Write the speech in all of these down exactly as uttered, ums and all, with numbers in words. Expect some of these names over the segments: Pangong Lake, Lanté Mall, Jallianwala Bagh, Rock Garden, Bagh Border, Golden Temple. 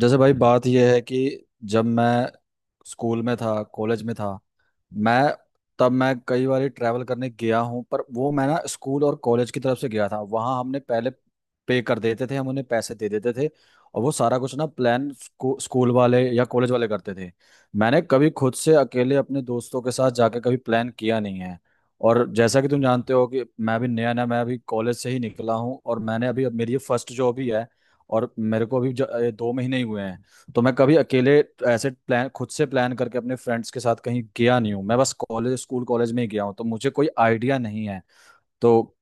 जैसे भाई बात यह है कि जब मैं स्कूल में था, कॉलेज में था, मैं तब मैं कई बार ट्रैवल करने गया हूँ। पर वो मैं ना स्कूल और कॉलेज की तरफ से गया था, वहाँ हमने पहले पे कर देते थे, हम उन्हें पैसे दे देते थे और वो सारा कुछ ना प्लान स्कू, स्कूल वाले या कॉलेज वाले करते थे। मैंने कभी खुद से अकेले अपने दोस्तों के साथ जाके कभी प्लान किया नहीं है। और जैसा कि तुम जानते हो कि मैं भी नया नया, मैं अभी कॉलेज से ही निकला हूँ और मैंने अभी अब मेरी ये फर्स्ट जॉब ही है। और मेरे को अभी ज- ये दो महीने ही हुए हैं। तो मैं कभी अकेले ऐसे प्लान खुद से प्लान करके अपने फ्रेंड्स के साथ कहीं गया नहीं हूँ, मैं बस कॉलेज स्कूल कॉलेज में ही गया हूँ, तो मुझे कोई आइडिया नहीं है। तो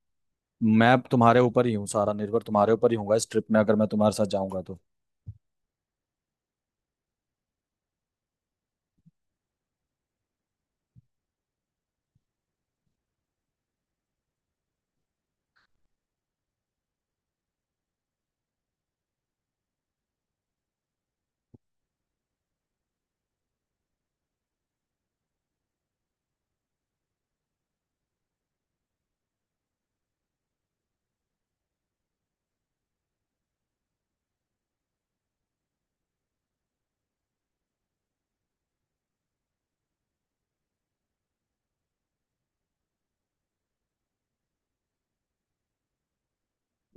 मैं अब तुम्हारे ऊपर ही हूँ, सारा निर्भर तुम्हारे ऊपर ही हूँगा इस ट्रिप में, अगर मैं तुम्हारे साथ जाऊंगा तो।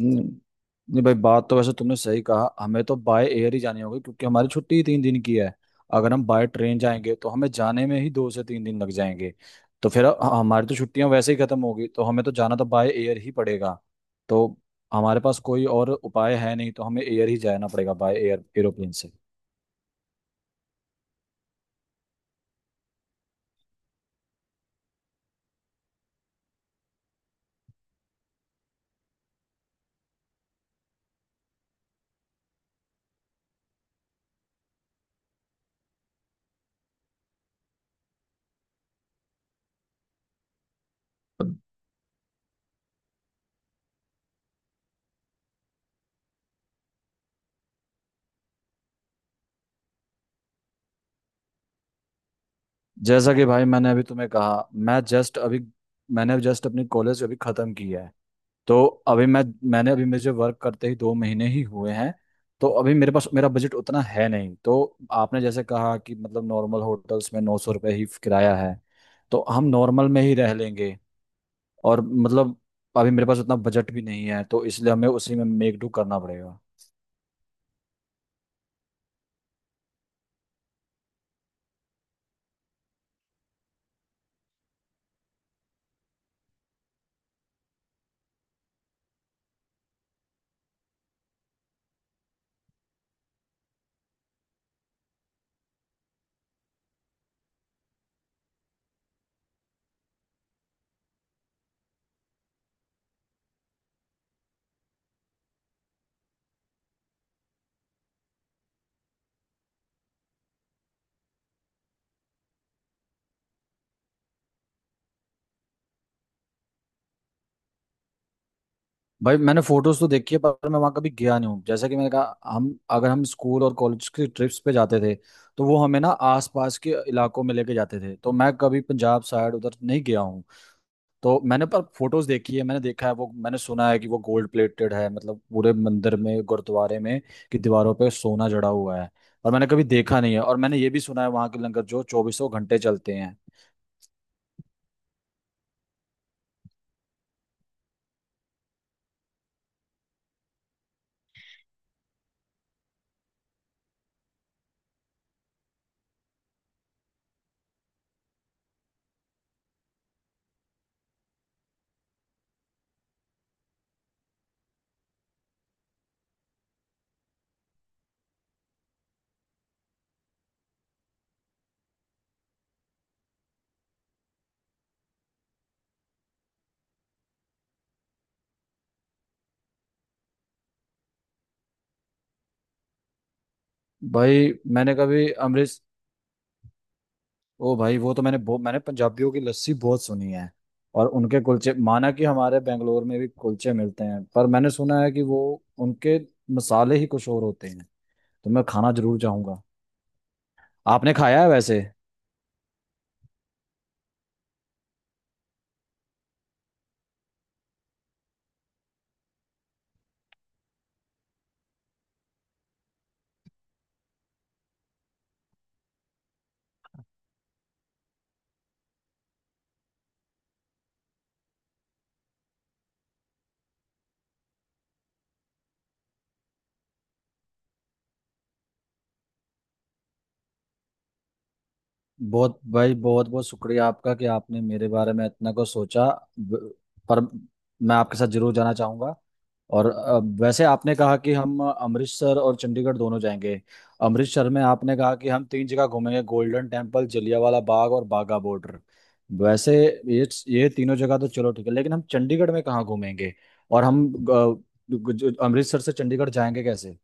नहीं, नहीं भाई, बात तो वैसे तुमने सही कहा, हमें तो बाय एयर ही जानी होगी क्योंकि हमारी छुट्टी ही तीन दिन की है। अगर हम बाय ट्रेन जाएंगे तो हमें जाने में ही दो से तीन दिन लग जाएंगे, तो फिर ह- हमारी तो छुट्टियां वैसे ही खत्म होगी, तो हमें तो जाना तो बाय एयर ही पड़ेगा। तो हमारे पास कोई और उपाय है नहीं, तो हमें एयर ही जाना पड़ेगा, बाय एयर, एरोप्लेन से। जैसा कि भाई मैंने अभी तुम्हें कहा, मैं जस्ट अभी मैंने जस्ट अपनी कॉलेज अभी खत्म की है। तो अभी मैं मैंने अभी मुझे वर्क करते ही दो महीने ही हुए हैं। तो अभी मेरे पास मेरा बजट उतना है नहीं, तो आपने जैसे कहा कि मतलब नॉर्मल होटल्स में नौ सौ रुपये ही किराया है, तो हम नॉर्मल में ही रह लेंगे। और मतलब अभी मेरे पास उतना बजट भी नहीं है, तो इसलिए हमें उसी में मेक डू करना पड़ेगा। भाई मैंने फोटोज तो देखी है पर मैं वहाँ कभी गया नहीं हूँ। जैसा कि मैंने कहा, हम अगर हम स्कूल और कॉलेज की ट्रिप्स पे जाते थे तो वो हमें ना आसपास के इलाकों में लेके जाते थे, तो मैं कभी पंजाब साइड उधर नहीं गया हूँ। तो मैंने पर फोटोज देखी है, मैंने देखा है वो, मैंने सुना है कि वो गोल्ड प्लेटेड है, मतलब पूरे मंदिर में, गुरुद्वारे में, कि दीवारों पे सोना जड़ा हुआ है, और मैंने कभी देखा नहीं है। और मैंने ये भी सुना है वहाँ के लंगर जो चौबीसों घंटे चलते हैं। भाई मैंने कभी अमृत, ओ भाई वो तो मैंने बहु- मैंने पंजाबियों की लस्सी बहुत सुनी है। और उनके कुलचे, माना कि हमारे बेंगलोर में भी कुलचे मिलते हैं पर मैंने सुना है कि वो उनके मसाले ही कुछ और होते हैं, तो मैं खाना जरूर चाहूंगा। आपने खाया है वैसे? बहुत भाई बहुत बहुत शुक्रिया आपका कि आपने मेरे बारे में इतना कुछ सोचा। ब- पर मैं आपके साथ जरूर जाना चाहूँगा। और अ, वैसे आपने कहा कि हम अमृतसर और चंडीगढ़ दोनों जाएंगे। अमृतसर में आपने कहा कि हम तीन जगह घूमेंगे, गोल्डन टेम्पल, जलियांवाला बाग और बाघा बॉर्डर। वैसे ये ये तीनों जगह तो चलो ठीक है, लेकिन हम चंडीगढ़ में कहाँ घूमेंगे? और हम अ, जो- अमृतसर से चंडीगढ़ जाएंगे कैसे?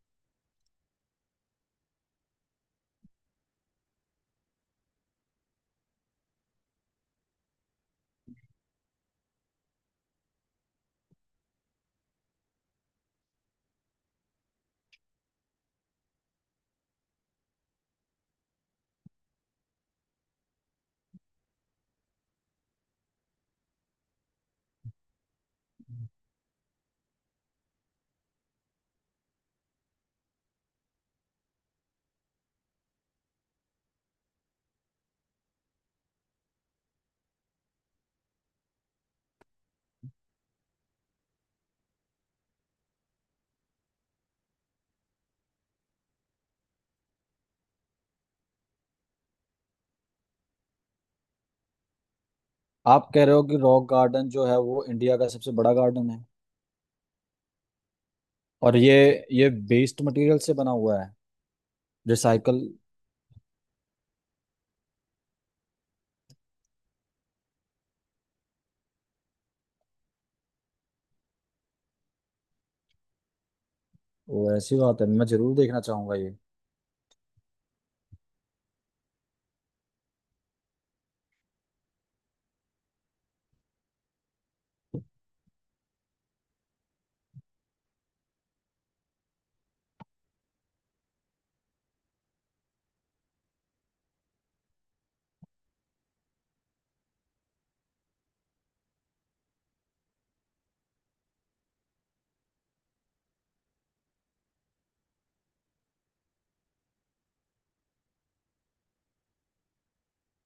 आप कह रहे हो कि रॉक गार्डन जो है वो इंडिया का सबसे बड़ा गार्डन है? और ये ये वेस्ट मटेरियल से बना हुआ है? रिसाइकल? वो ऐसी बात है, मैं जरूर देखना चाहूंगा ये।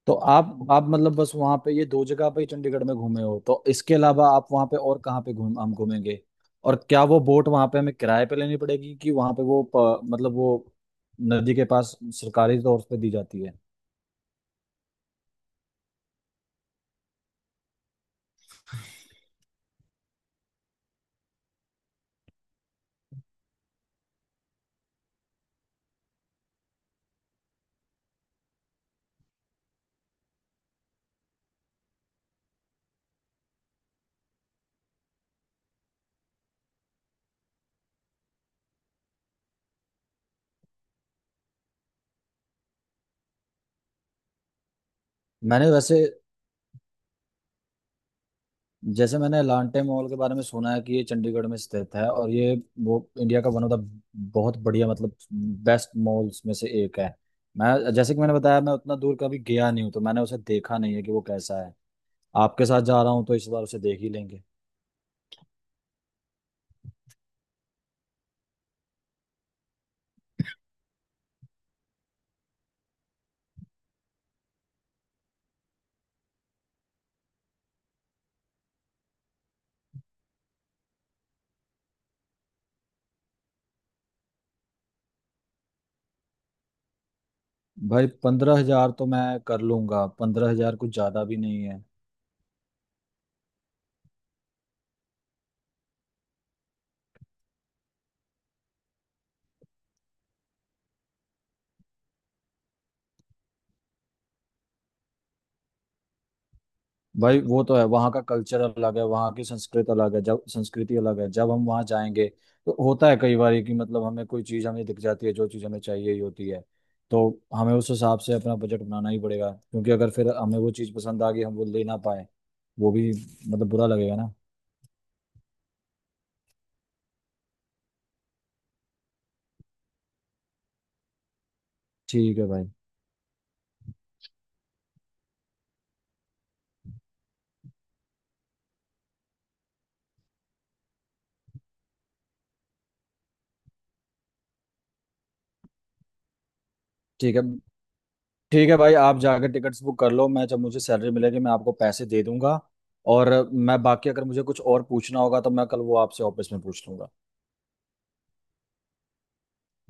तो आप आप मतलब बस वहां पे ये दो जगह पे ही चंडीगढ़ में घूमे हो? तो इसके अलावा आप वहां पे और कहाँ पे घूम हम घूमेंगे? और क्या वो बोट वहां पे हमें किराए पे लेनी पड़ेगी, कि वहां पे वो प, मतलब वो नदी के पास सरकारी तौर पे दी जाती है? मैंने वैसे जैसे मैंने लांटे मॉल के बारे में सुना है कि ये चंडीगढ़ में स्थित है और ये, वो इंडिया का वन ऑफ द, बहुत बढ़िया, मतलब बेस्ट मॉल्स में से एक है। मैं जैसे कि मैंने बताया, मैं उतना दूर कभी गया नहीं हूँ तो मैंने उसे देखा नहीं है कि वो कैसा है। आपके साथ जा रहा हूँ तो इस बार उसे देख ही लेंगे। भाई पंद्रह हजार तो मैं कर लूंगा, पंद्रह हजार कुछ ज्यादा भी नहीं है। भाई वो तो है, वहाँ का कल्चर अलग है, वहाँ की संस्कृत अलग है, जब संस्कृति अलग है, जब हम वहाँ जाएंगे, तो होता है कई बार कि मतलब हमें कोई चीज़ हमें दिख जाती है, जो चीज़ हमें चाहिए ही होती है। तो हमें उस हिसाब से अपना बजट बनाना ही पड़ेगा, क्योंकि अगर फिर हमें वो चीज़ पसंद आ गई, हम वो ले ना पाए, वो भी मतलब बुरा लगेगा ना। ठीक है भाई। ठीक है। ठीक है भाई, आप जाकर टिकट्स बुक कर लो, मैं जब मुझे सैलरी मिलेगी मैं आपको पैसे दे दूंगा। और मैं बाकी, अगर मुझे कुछ और पूछना होगा तो मैं कल वो आपसे ऑफिस में पूछ लूंगा।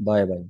Bye bye.